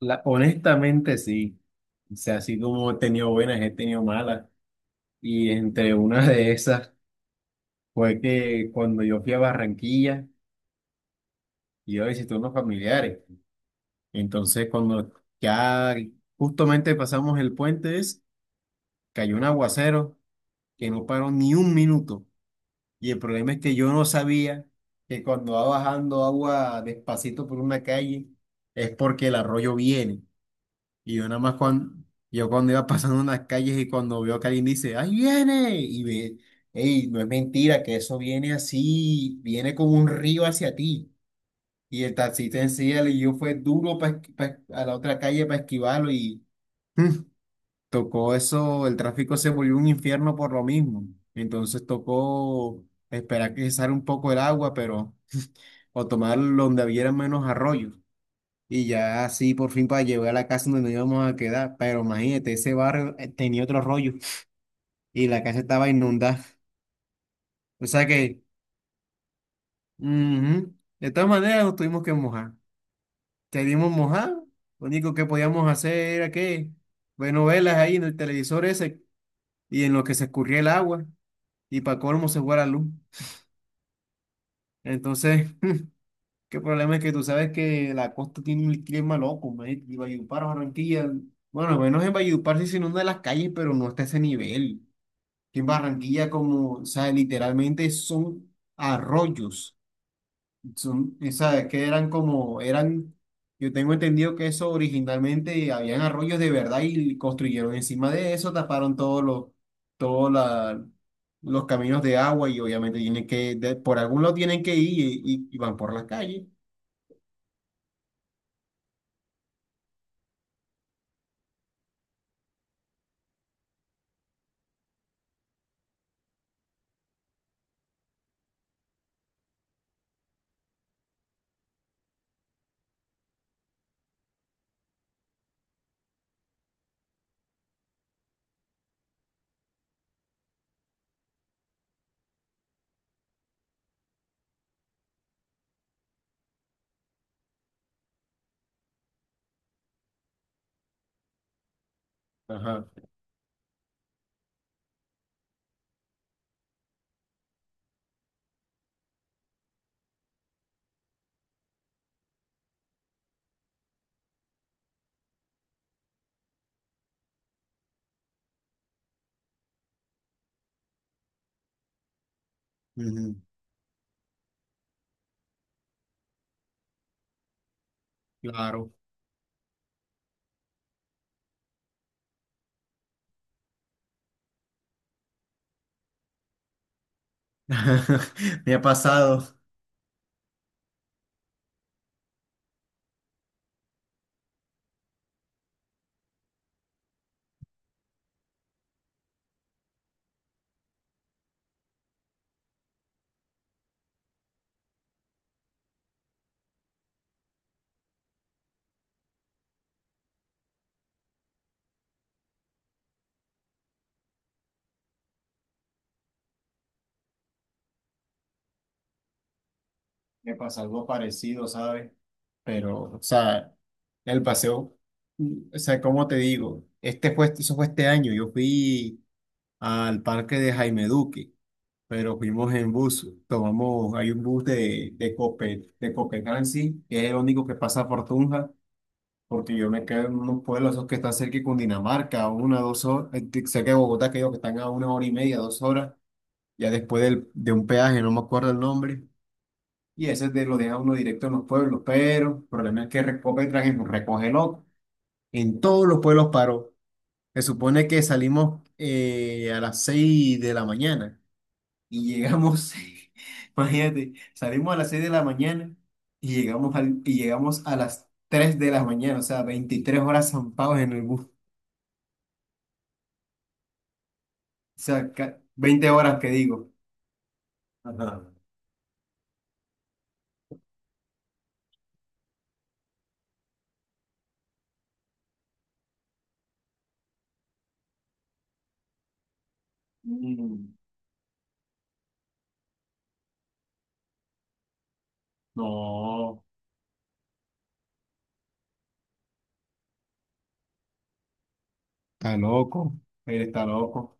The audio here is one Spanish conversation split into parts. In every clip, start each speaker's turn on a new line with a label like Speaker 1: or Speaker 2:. Speaker 1: Honestamente sí. O sea, así como he tenido buenas, he tenido malas. Y entre una de esas fue que cuando yo fui a Barranquilla, yo visité unos familiares. Entonces, cuando ya justamente pasamos el puente, cayó un aguacero que no paró ni un minuto. Y el problema es que yo no sabía que cuando va bajando agua despacito por una calle, es porque el arroyo viene. Y yo nada más cuando, yo cuando iba pasando unas calles y cuando veo que alguien dice, ¡ahí viene! Y ve, ¡ey! No es mentira que eso viene así, viene como un río hacia ti. Y el taxista encima le dio fue duro a la otra calle para esquivarlo y mm, tocó eso, el tráfico se volvió un infierno por lo mismo. Entonces tocó esperar que cesara un poco el agua, pero o tomar donde hubiera menos arroyos. Y ya así por fin para llegar a la casa donde nos íbamos a quedar. Pero imagínate, ese barrio tenía otro rollo y la casa estaba inundada. O sea que, ujú. De todas maneras nos tuvimos que mojar. Queríamos mojar, lo único que podíamos hacer era que ver novelas ahí en el televisor ese y en lo que se escurría el agua y para colmo se fue la luz. Entonces, qué problema es que tú sabes que la costa tiene un clima loco, man, y Valledupar, Barranquilla. Bueno, al menos en Valledupar sí se inunda las calles, pero no está a ese nivel, que en Barranquilla, como, o sea, literalmente son arroyos. Son, esa, que eran como, eran, yo tengo entendido que eso originalmente habían arroyos de verdad y construyeron encima de eso, taparon todos los, todos la- los caminos de agua y obviamente tienen que, por algún lado tienen que ir y van por las calles. Ajá. Ujú. Claro. Me ha pasado. Me pasó algo parecido, ¿sabes? Pero, o sea, el paseo, o sea, ¿cómo te digo? Este fue, eso fue este año. Yo fui al parque de Jaime Duque, pero fuimos en bus. Tomamos, hay un bus de Copenhague, que es el único que pasa por Tunja, porque yo me quedo en unos pueblos esos que están cerca de Cundinamarca, a una, dos horas, cerca de Bogotá, que digo que están a una hora y media, dos horas, ya después de un peaje, no me acuerdo el nombre. Y ese lo deja uno directo en los pueblos, pero el problema es que Recopetran es un recoge loco. En todos los pueblos paró. Se supone que salimos a las 6 de la mañana y llegamos, imagínate, salimos a las 6 de la mañana y llegamos, y llegamos a las 3 de la mañana, o sea, 23 horas zampados en el bus. O sea, 20 horas que digo. Ajá. Mm. No, está loco, él está loco.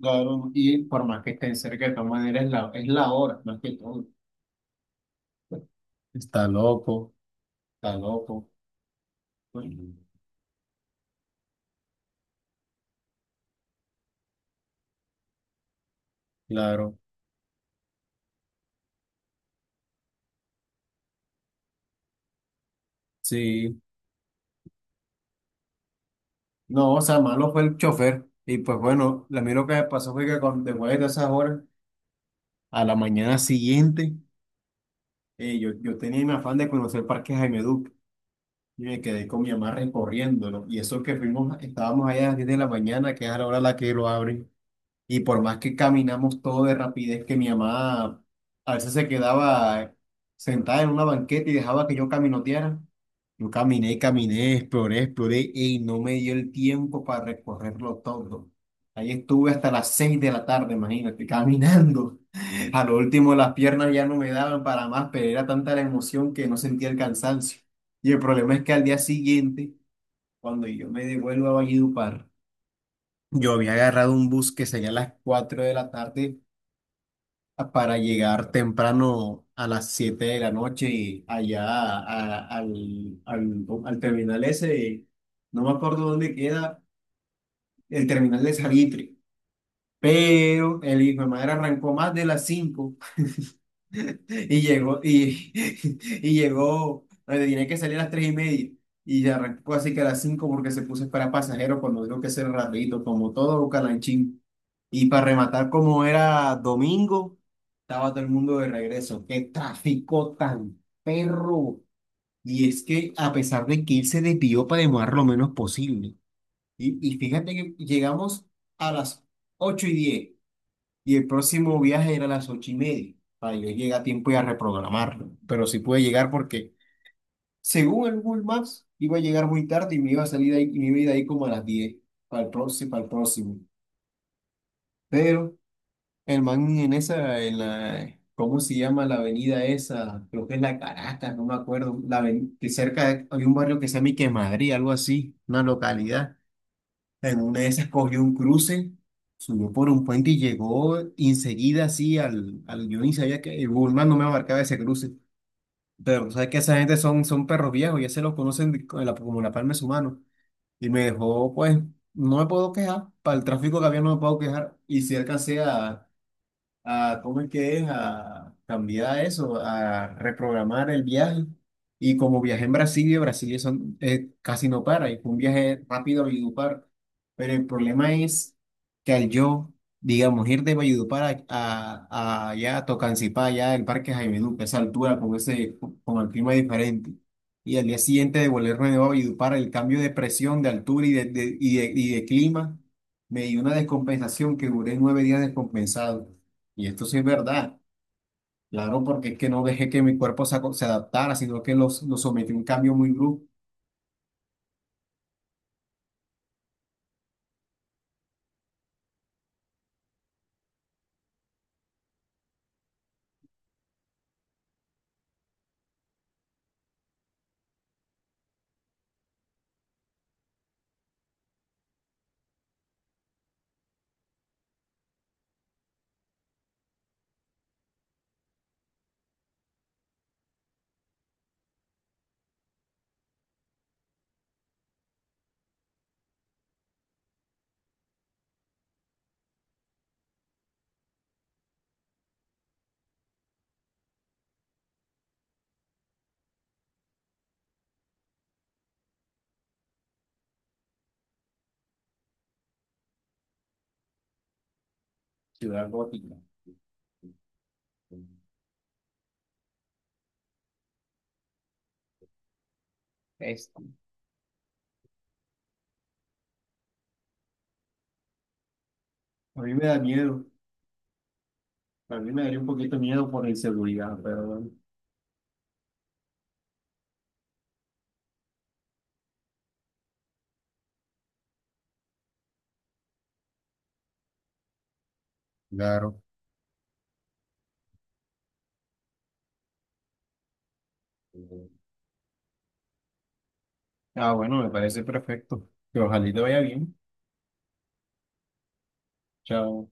Speaker 1: Claro, y por más que estén cerca, de todas maneras es la, hora, más que todo. Está loco. Está loco. Bueno, claro. Sí, no, o sea, malo fue el chofer. Y pues bueno, a mí lo que me pasó fue que cuando, después de esas horas, a la mañana siguiente, yo tenía mi afán de conocer el Parque Jaime Duque. Y me quedé con mi mamá recorriéndolo. Y eso que fuimos, estábamos allá a las 10 de la mañana, que es a la hora a la que lo abren. Y por más que caminamos todo de rapidez, que mi mamá a veces se quedaba sentada en una banqueta y dejaba que yo caminoteara. Yo caminé, caminé, exploré, exploré y no me dio el tiempo para recorrerlo todo. Ahí estuve hasta las 6 de la tarde, imagínate, caminando. A lo último las piernas ya no me daban para más, pero era tanta la emoción que no sentía el cansancio. Y el problema es que al día siguiente, cuando yo me devuelvo a Valledupar, yo había agarrado un bus que salía a las 4 de la tarde para llegar temprano a las 7 de la noche y allá al terminal ese, no me acuerdo dónde queda, el terminal de Salitre, pero el hijo de madre arrancó más de las 5. Y llegó, y, y llegó, donde tenía que salir a las 3:30. Y arrancó así que a las 5 porque se puso para pasajeros cuando digo que ser rapidito, como todo calanchín. Y para rematar, como era domingo, estaba todo el mundo de regreso. ¡Qué tráfico tan perro! Y es que a pesar de que él se desvió para demorar lo menos posible. Y fíjate que llegamos a las 8:10 y el próximo viaje era a las 8:30, para yo llegar a tiempo y a reprogramarlo. Pero sí pude llegar porque, según el Google Maps, iba a llegar muy tarde y me iba a salir de ahí, y me iba a ir de ahí como a las 10 para el próximo, para el próximo. Pero el man en esa, en la, ¿cómo se llama la avenida esa? Creo que es la Caracas, no me acuerdo. Que cerca hay un barrio que se llama Ique Madrid, algo así, una localidad. En una de esas cogió un cruce, subió por un puente y llegó enseguida así al, yo ni sabía que el Google Maps no me marcaba ese cruce. Pero sabes que esa gente son, perros viejos, ya se los conocen como la palma de su mano. Y me dejó, pues, no me puedo quejar, para el tráfico que había no me puedo quejar. Y si alcancé ¿cómo es que es? A cambiar eso, a reprogramar el viaje. Y como viajé en Brasilia, Brasilia son, casi no para, y fue un viaje rápido a Valledupar. Pero el problema es que al yo, digamos, ir de Valledupar a allá, a Tocancipá, allá el Parque Jaime Duque, esa altura, con ese, con el clima diferente. Y al día siguiente de volverme de nuevo a Valledupar, el cambio de presión, de altura y de clima, me dio una descompensación que duré 9 días descompensado. Y esto sí es verdad, claro, porque es que no dejé que mi cuerpo se adaptara, sino que lo sometí a un cambio muy brusco. Ciudad gótica. Es- A mí me da miedo, a mí me daría un poquito de miedo por la inseguridad, pero bueno. Claro. Ah, bueno, me parece perfecto. Que ojalá y te vaya bien. Chao.